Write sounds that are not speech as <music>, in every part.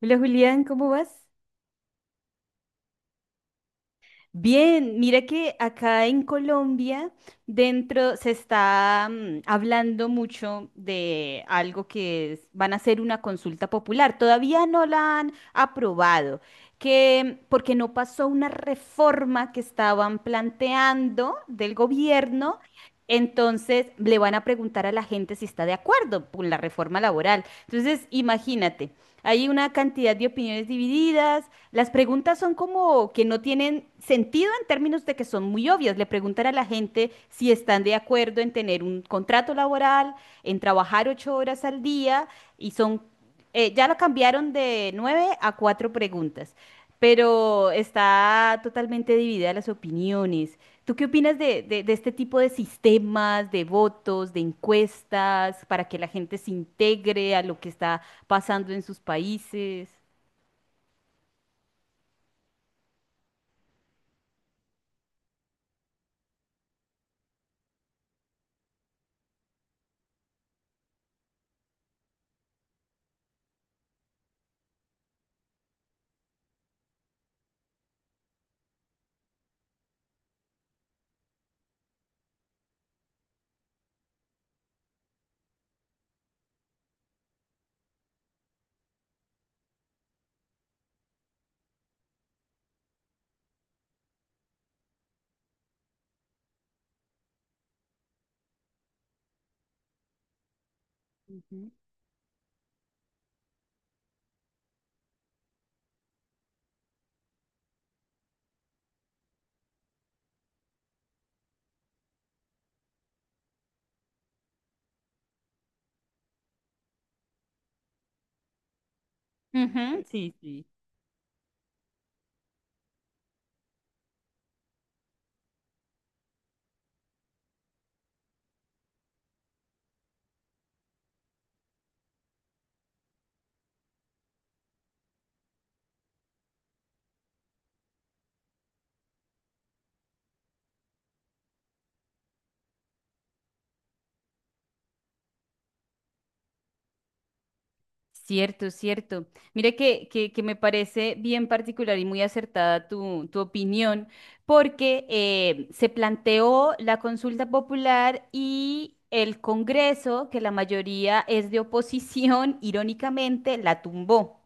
Hola Julián, ¿cómo vas? Bien, mira que acá en Colombia dentro se está hablando mucho de algo van a hacer una consulta popular. Todavía no la han aprobado, que porque no pasó una reforma que estaban planteando del gobierno, entonces le van a preguntar a la gente si está de acuerdo con la reforma laboral. Entonces, imagínate, hay una cantidad de opiniones divididas. Las preguntas son como que no tienen sentido en términos de que son muy obvias. Le preguntan a la gente si están de acuerdo en tener un contrato laboral, en trabajar ocho horas al día, y son, ya lo cambiaron de nueve a cuatro preguntas, pero está totalmente dividida las opiniones. ¿Tú qué opinas de este tipo de sistemas, de votos, de encuestas, para que la gente se integre a lo que está pasando en sus países? Ujú, sí, sí. Cierto, cierto. Mire que me parece bien particular y muy acertada tu opinión, porque se planteó la consulta popular y el Congreso, que la mayoría es de oposición, <laughs> irónicamente, la tumbó.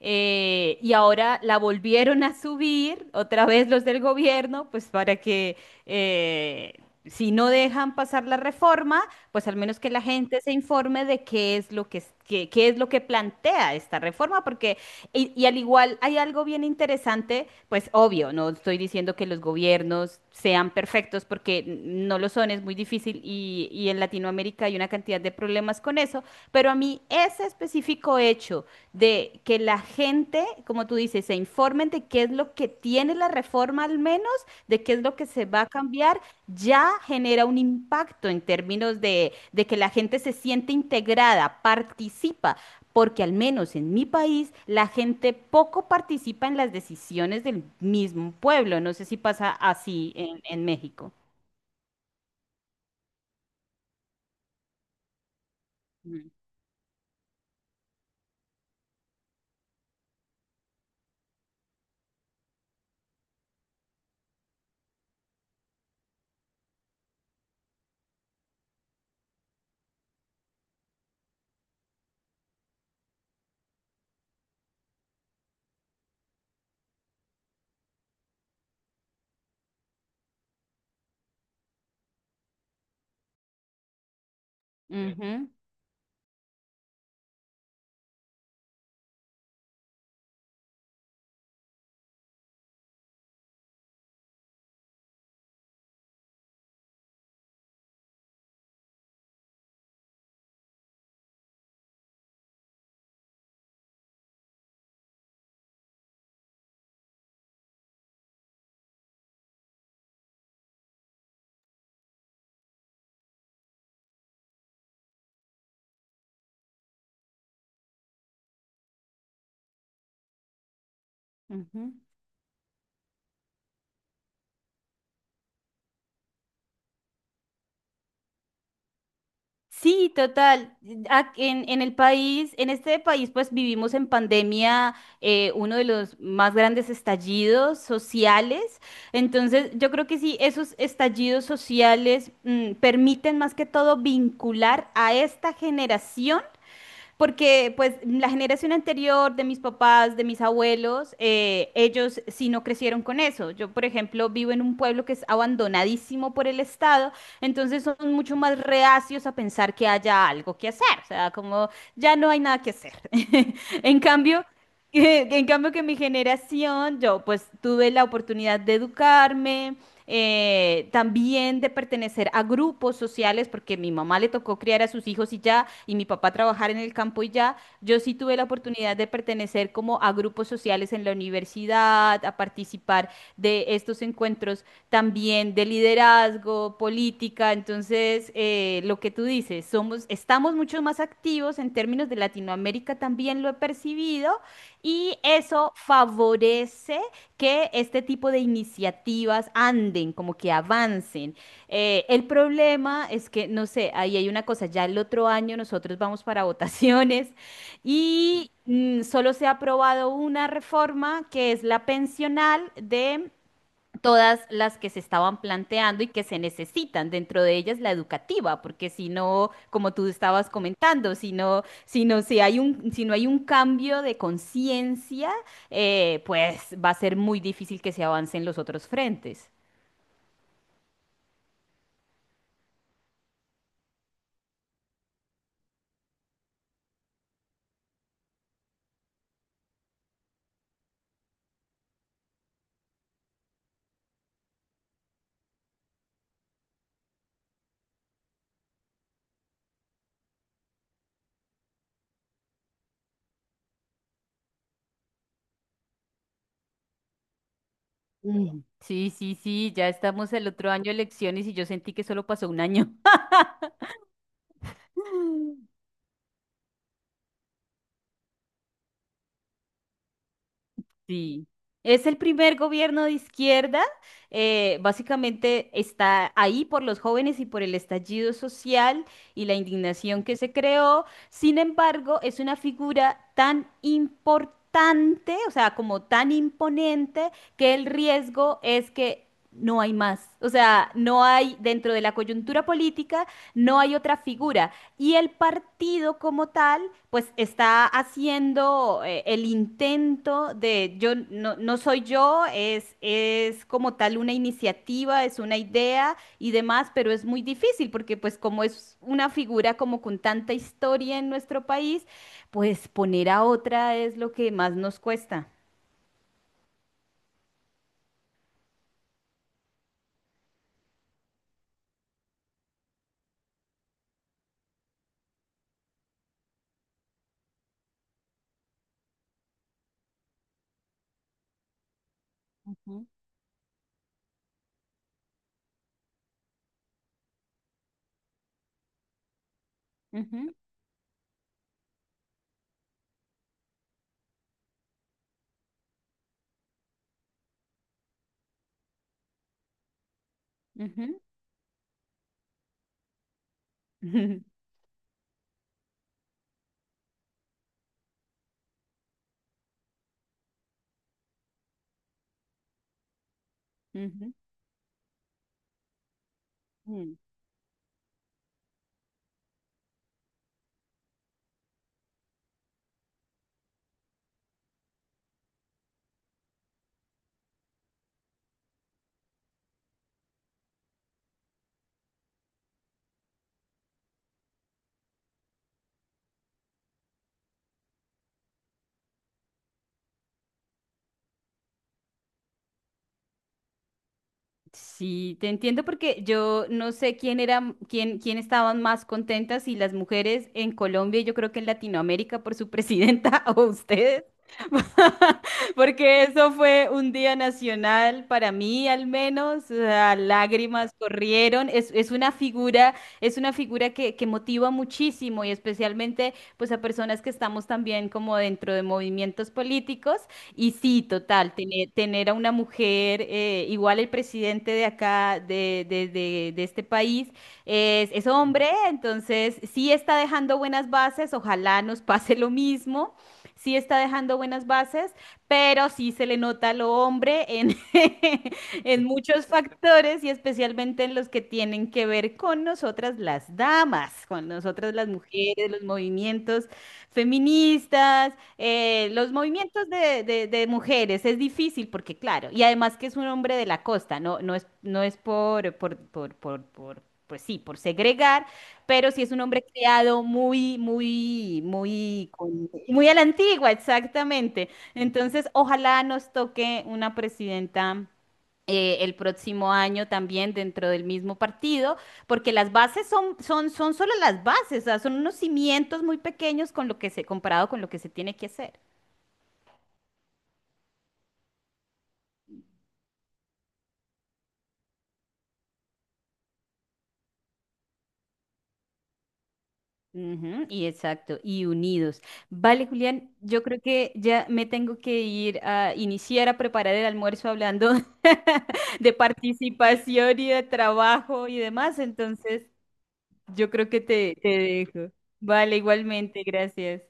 Y ahora la volvieron a subir, otra vez los del gobierno, pues para que eh, si no dejan pasar la reforma, pues al menos que la gente se informe de qué es lo qué es lo que plantea esta reforma, porque, y al igual hay algo bien interesante, pues obvio, no estoy diciendo que los gobiernos sean perfectos, porque no lo son, es muy difícil, y en Latinoamérica hay una cantidad de problemas con eso, pero a mí ese específico hecho de que la gente, como tú dices, se informen de qué es lo que tiene la reforma al menos, de qué es lo que se va a cambiar, ya genera un impacto en términos de que la gente se siente integrada, participa, porque al menos en mi país la gente poco participa en las decisiones del mismo pueblo. No sé si pasa así en México. Mm. Ujú, ujú. Sí, total. En el país, en este país, pues vivimos en pandemia uno de los más grandes estallidos sociales. Entonces, yo creo que sí, esos estallidos sociales permiten más que todo vincular a esta generación porque pues la generación anterior de mis papás, de mis abuelos, ellos sí no crecieron con eso. Yo, por ejemplo, vivo en un pueblo que es abandonadísimo por el Estado, entonces son mucho más reacios a pensar que haya algo que hacer. O sea, como ya no hay nada que hacer. <laughs> En cambio... <laughs> En cambio que mi generación, yo pues tuve la oportunidad de educarme, también de pertenecer a grupos sociales, porque mi mamá le tocó criar a sus hijos y ya, y mi papá trabajar en el campo y ya, yo sí tuve la oportunidad de pertenecer como a grupos sociales en la universidad, a participar de estos encuentros también de liderazgo, política, entonces lo que tú dices, somos, estamos mucho más activos en términos de Latinoamérica, también lo he percibido, y eso favorece que este tipo de iniciativas anden, como que avancen. El problema es que, no sé, ahí hay una cosa, ya el otro año nosotros vamos para <laughs> votaciones y solo se ha aprobado una reforma que es la pensional de todas las que se estaban planteando y que se necesitan, dentro de ellas la educativa, porque si no, como tú estabas comentando, si hay si no hay un cambio de conciencia, pues va a ser muy difícil que se avancen los otros frentes. Mm. Sí, sí, sí, ya estamos el otro año de elecciones y yo sentí que solo pasó un año. <laughs> Sí, es el primer gobierno de izquierda. Básicamente está ahí por los jóvenes y por el estallido social y la indignación que se creó. Sin embargo, es una figura tan importante, o sea, como tan imponente, que el riesgo es que no hay más. O sea, no hay dentro de la coyuntura política, no hay otra figura. Y el partido como tal, pues está haciendo el intento de, yo no soy yo, es como tal una iniciativa, es una idea y demás, pero es muy difícil porque pues como es una figura como con tanta historia en nuestro país, pues poner a otra es lo que más nos cuesta. Ujú. Ujú, ujú, <laughs> ujú, ujú. Sí, te entiendo porque yo no sé quién era, quién estaban más contentas, si las mujeres en Colombia, y yo creo que en Latinoamérica por su presidenta <laughs> o ustedes, <laughs> porque eso fue un día nacional para mí al menos, o sea, lágrimas corrieron, es una figura que motiva muchísimo y especialmente pues a personas que estamos también como dentro de movimientos políticos. Y sí, total, tener a una mujer, igual el presidente de acá, de este país, es hombre, entonces sí está dejando buenas bases, ojalá nos pase lo mismo, sí está dejando buenas bases, pero sí se le nota lo hombre en, <laughs> en muchos factores y especialmente en los que tienen que ver con nosotras las damas, con nosotras las mujeres, los movimientos feministas. Los movimientos de mujeres es difícil porque, claro, y además que es un hombre de la costa, no es, no es por, pues sí, por segregar, pero sí es un hombre criado muy a la antigua, exactamente. Entonces, ojalá nos toque una presidenta el próximo año también dentro del mismo partido, porque las bases son solo las bases, o sea, son unos cimientos muy pequeños con lo que se, comparado con lo que se tiene que hacer. Ujú, y exacto, y unidos. Vale, Julián, yo creo que ya me tengo que ir a iniciar a preparar el almuerzo hablando <laughs> de participación y de trabajo y demás, entonces yo creo que te dejo. Vale, igualmente, gracias.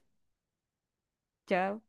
Chao.